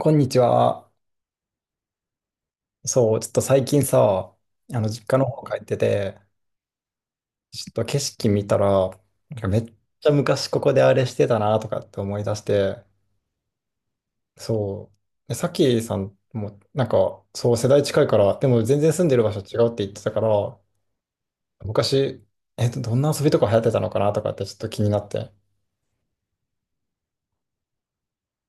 こんにちは。そう、ちょっと最近さ、実家の方帰ってて、ちょっと景色見たら、なんかめっちゃ昔ここであれしてたなとかって思い出して、そう。で、さっきさんも、なんか、そう、世代近いから、でも全然住んでる場所違うって言ってたから、昔、どんな遊びとか流行ってたのかなとかってちょっと気になって。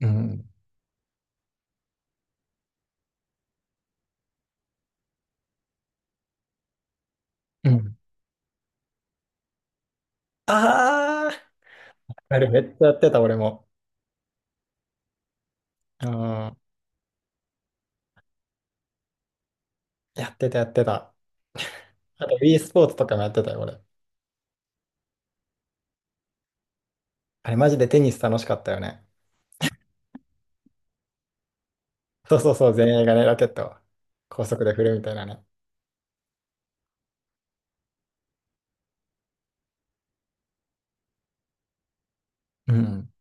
うん。うん。ああ、あれめっちゃやってた、俺も。うん。やってた、やってた。あと、e スポーツとかもやってたよ、俺。あれ、マジでテニス楽しかったよね。そうそうそう、前衛がね、ラケットを高速で振るみたいなね。うん。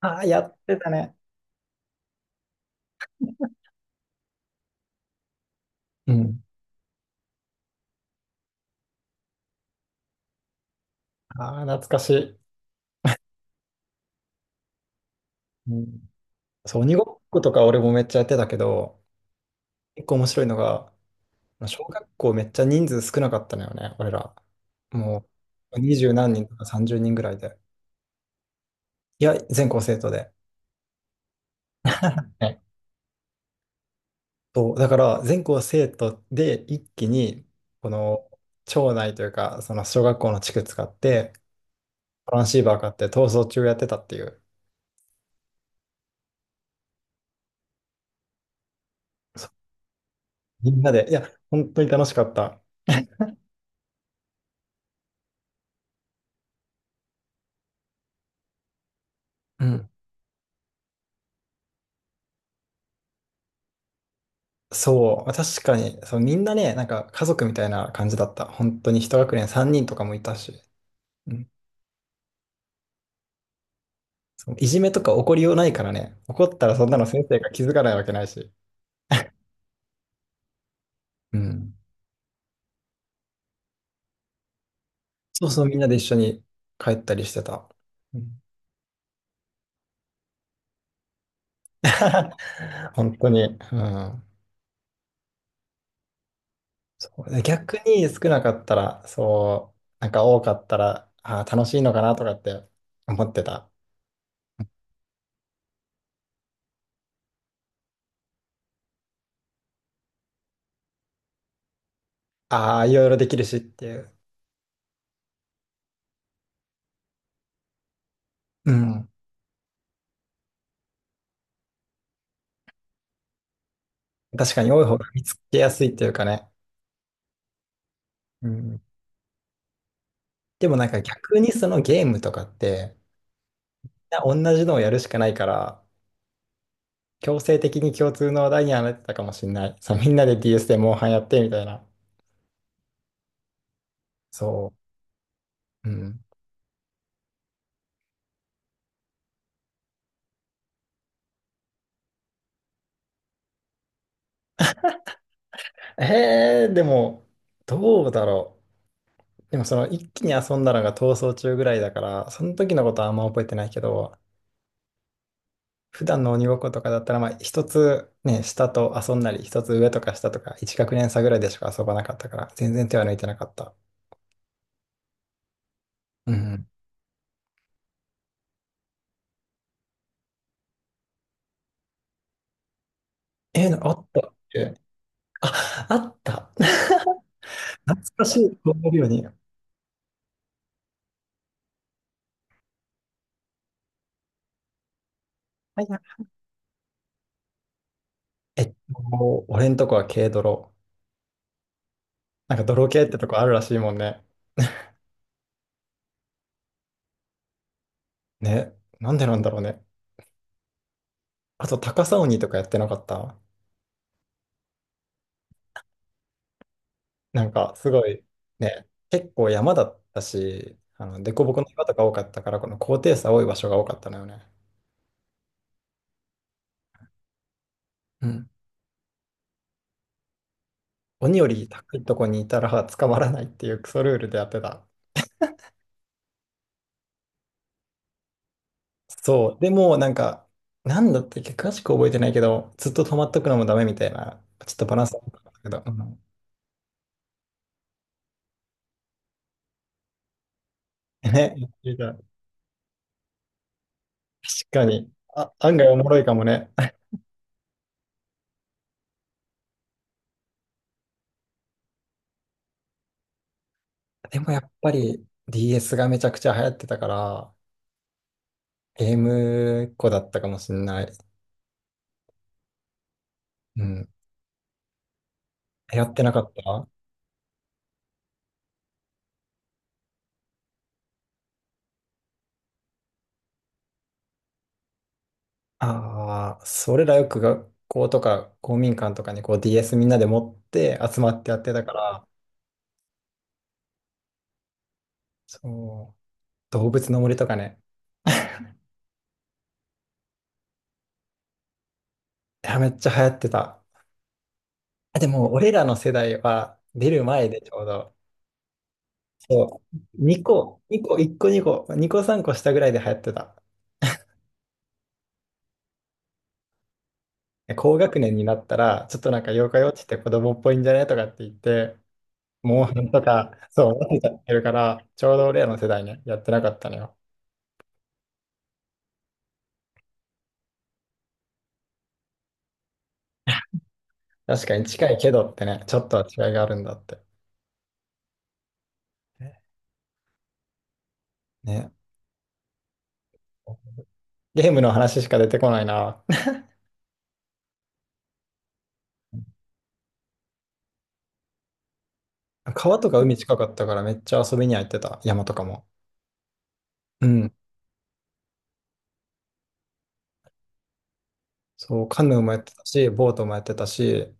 ああ、やってたね。うん。ああ、懐かしい。うん。そう、鬼ごっことか俺もめっちゃやってたけど、結構面白いのが、小学校めっちゃ人数少なかったのよね、俺ら。もう、二十何人とか三十人ぐらいで。いや、全校生徒で。ね。そう、だから、全校生徒で一気に、この、町内というか、その小学校の地区使って、トランシーバー買って逃走中やってたっていう。そう、みんなで、いや、本当に楽しかった。うん。そう、確かに、そう、みんなね、なんか家族みたいな感じだった。本当に一学年3人とかもいたし、うん、そういじめとか起こりようないからね、怒ったらそんなの先生が気づかないわけないし、うん。そうそう、みんなで一緒に帰ったりしてた。うん。 本当に、うん、そう。で逆に少なかったら、そう、なんか多かったら、あー楽しいのかなとかって思ってた。ああ、いろいろできるしっていう。うん。確かに多い方が見つけやすいっていうかね。うん。でもなんか逆にそのゲームとかって、みんな同じのをやるしかないから、強制的に共通の話題にはなってたかもしれない。そう、みんなで DS でモンハンやってみたいな。そう。うん。でも、どうだろう。でもその一気に遊んだのが逃走中ぐらいだから、その時のことはあんま覚えてないけど、普段の鬼ごっことかだったら、まあ、一つね、下と遊んだり、一つ上とか下とか、一学年差ぐらいでしか遊ばなかったから、全然手は抜いてなかった。うん。あったっけ。あ、あった。懐かしい、こうなるように。はいはい。俺んとこは軽泥。なんか泥系ってとこあるらしいもんね。ね、なんでなんだろうね。あと、高さ鬼とかやってなかった。なんか、すごい、ね、結構山だったし、凸凹の岩とか多かったから、この高低差多い場所が多かったのよね。うん。鬼より高いとこにいたら捕まらないっていうクソルールでやってた。そう。でも、なんか、なんだったっけ、詳しく覚えてないけど、ずっと止まっとくのもダメみたいな、ちょっとバランスだったけど。うん。 ね、確かに。あ、案外おもろいかもね。でもやっぱり DS がめちゃくちゃ流行ってたから、ゲームっ子だったかもしんない。うん。流行ってなかった。ああそれらよく学校とか公民館とかにこう DS みんなで持って集まってやってたから、そう、動物の森とかね。いや、めっちゃ流行ってた。あでも、俺らの世代は出る前でちょうど、そう、2個、2個、1個2個、2個3個下ぐらいで流行ってた。高学年になったら、ちょっとなんか妖怪ウォッチって子供っぽいんじゃねとかって言って、モンハンとか、そう、思ってたってるから、ちょうど俺らの世代ね、やってなかったのよ。確かに近いけどってね、ちょっとは違いがあるんだって。ね。ゲームの話しか出てこないな。川とか海近かったからめっちゃ遊びには行ってた。山とかも。うん。そう、カヌーもやってたし、ボートもやってたし、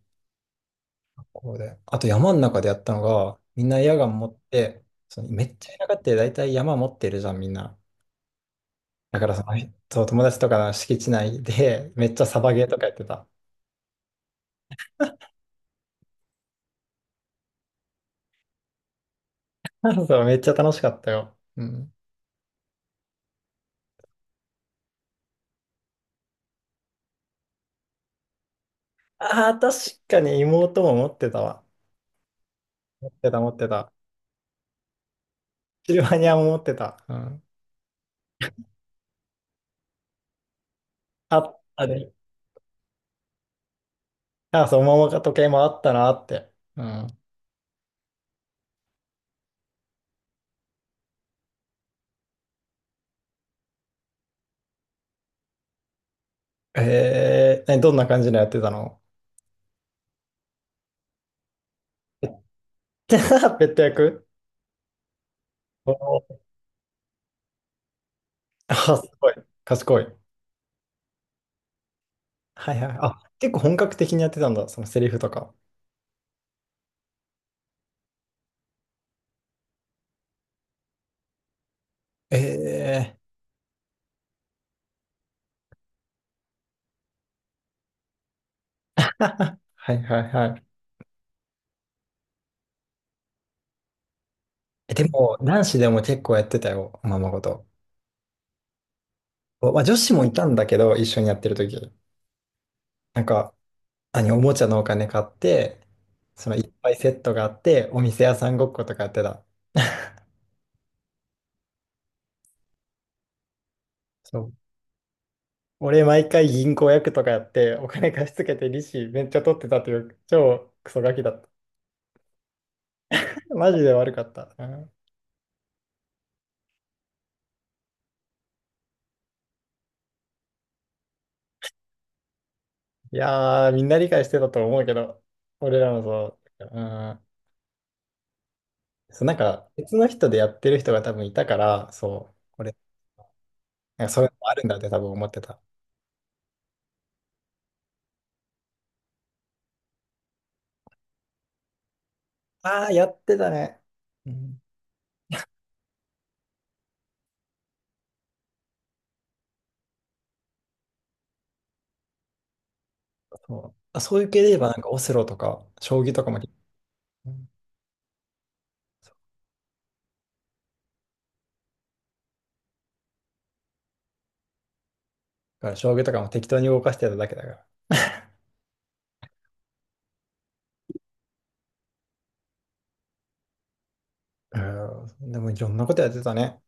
こうで。あと山の中でやったのが、みんなエアガン持って、そのめっちゃ田舎って大体山持ってるじゃん、みんな。だからその、そう、友達とかの敷地内で、めっちゃサバゲーとかやってた。そう、めっちゃ楽しかったよ。うん。ああ、確かに妹も持ってたわ。持ってた、持ってた。シルバニアも持ってた。うん。あったで、あ、そう、桃か時計もあったなって。うん。どんな感じのやってたの。ペッ ペット役。おー、あ、すごい。賢い。はいはい。あ、結構本格的にやってたんだ、そのセリフとか。えー、はいはいはい。でも、男子でも結構やってたよ、おままごと。お、まあ、女子もいたんだけど、一緒にやってる時。なんか、何、おもちゃのお金買って、そのいっぱいセットがあって、お店屋さんごっことかやってた。そう。俺毎回銀行役とかやってお金貸し付けて利子めっちゃ取ってたという超クソガキだった。マジで悪かった。うん、いやー、みんな理解してたと思うけど、俺らもそう。うん、そう、なんか別の人でやってる人が多分いたから、そう、俺、なんかそういうのもあるんだって多分思ってた。ああ、やってたね。うん、そう。あ、そういう系で言えばなんかオセロとか将棋とかも、うん、そう。だから将棋とかも適当に動かしてただけだから。うん、でもいろんなことやってたね。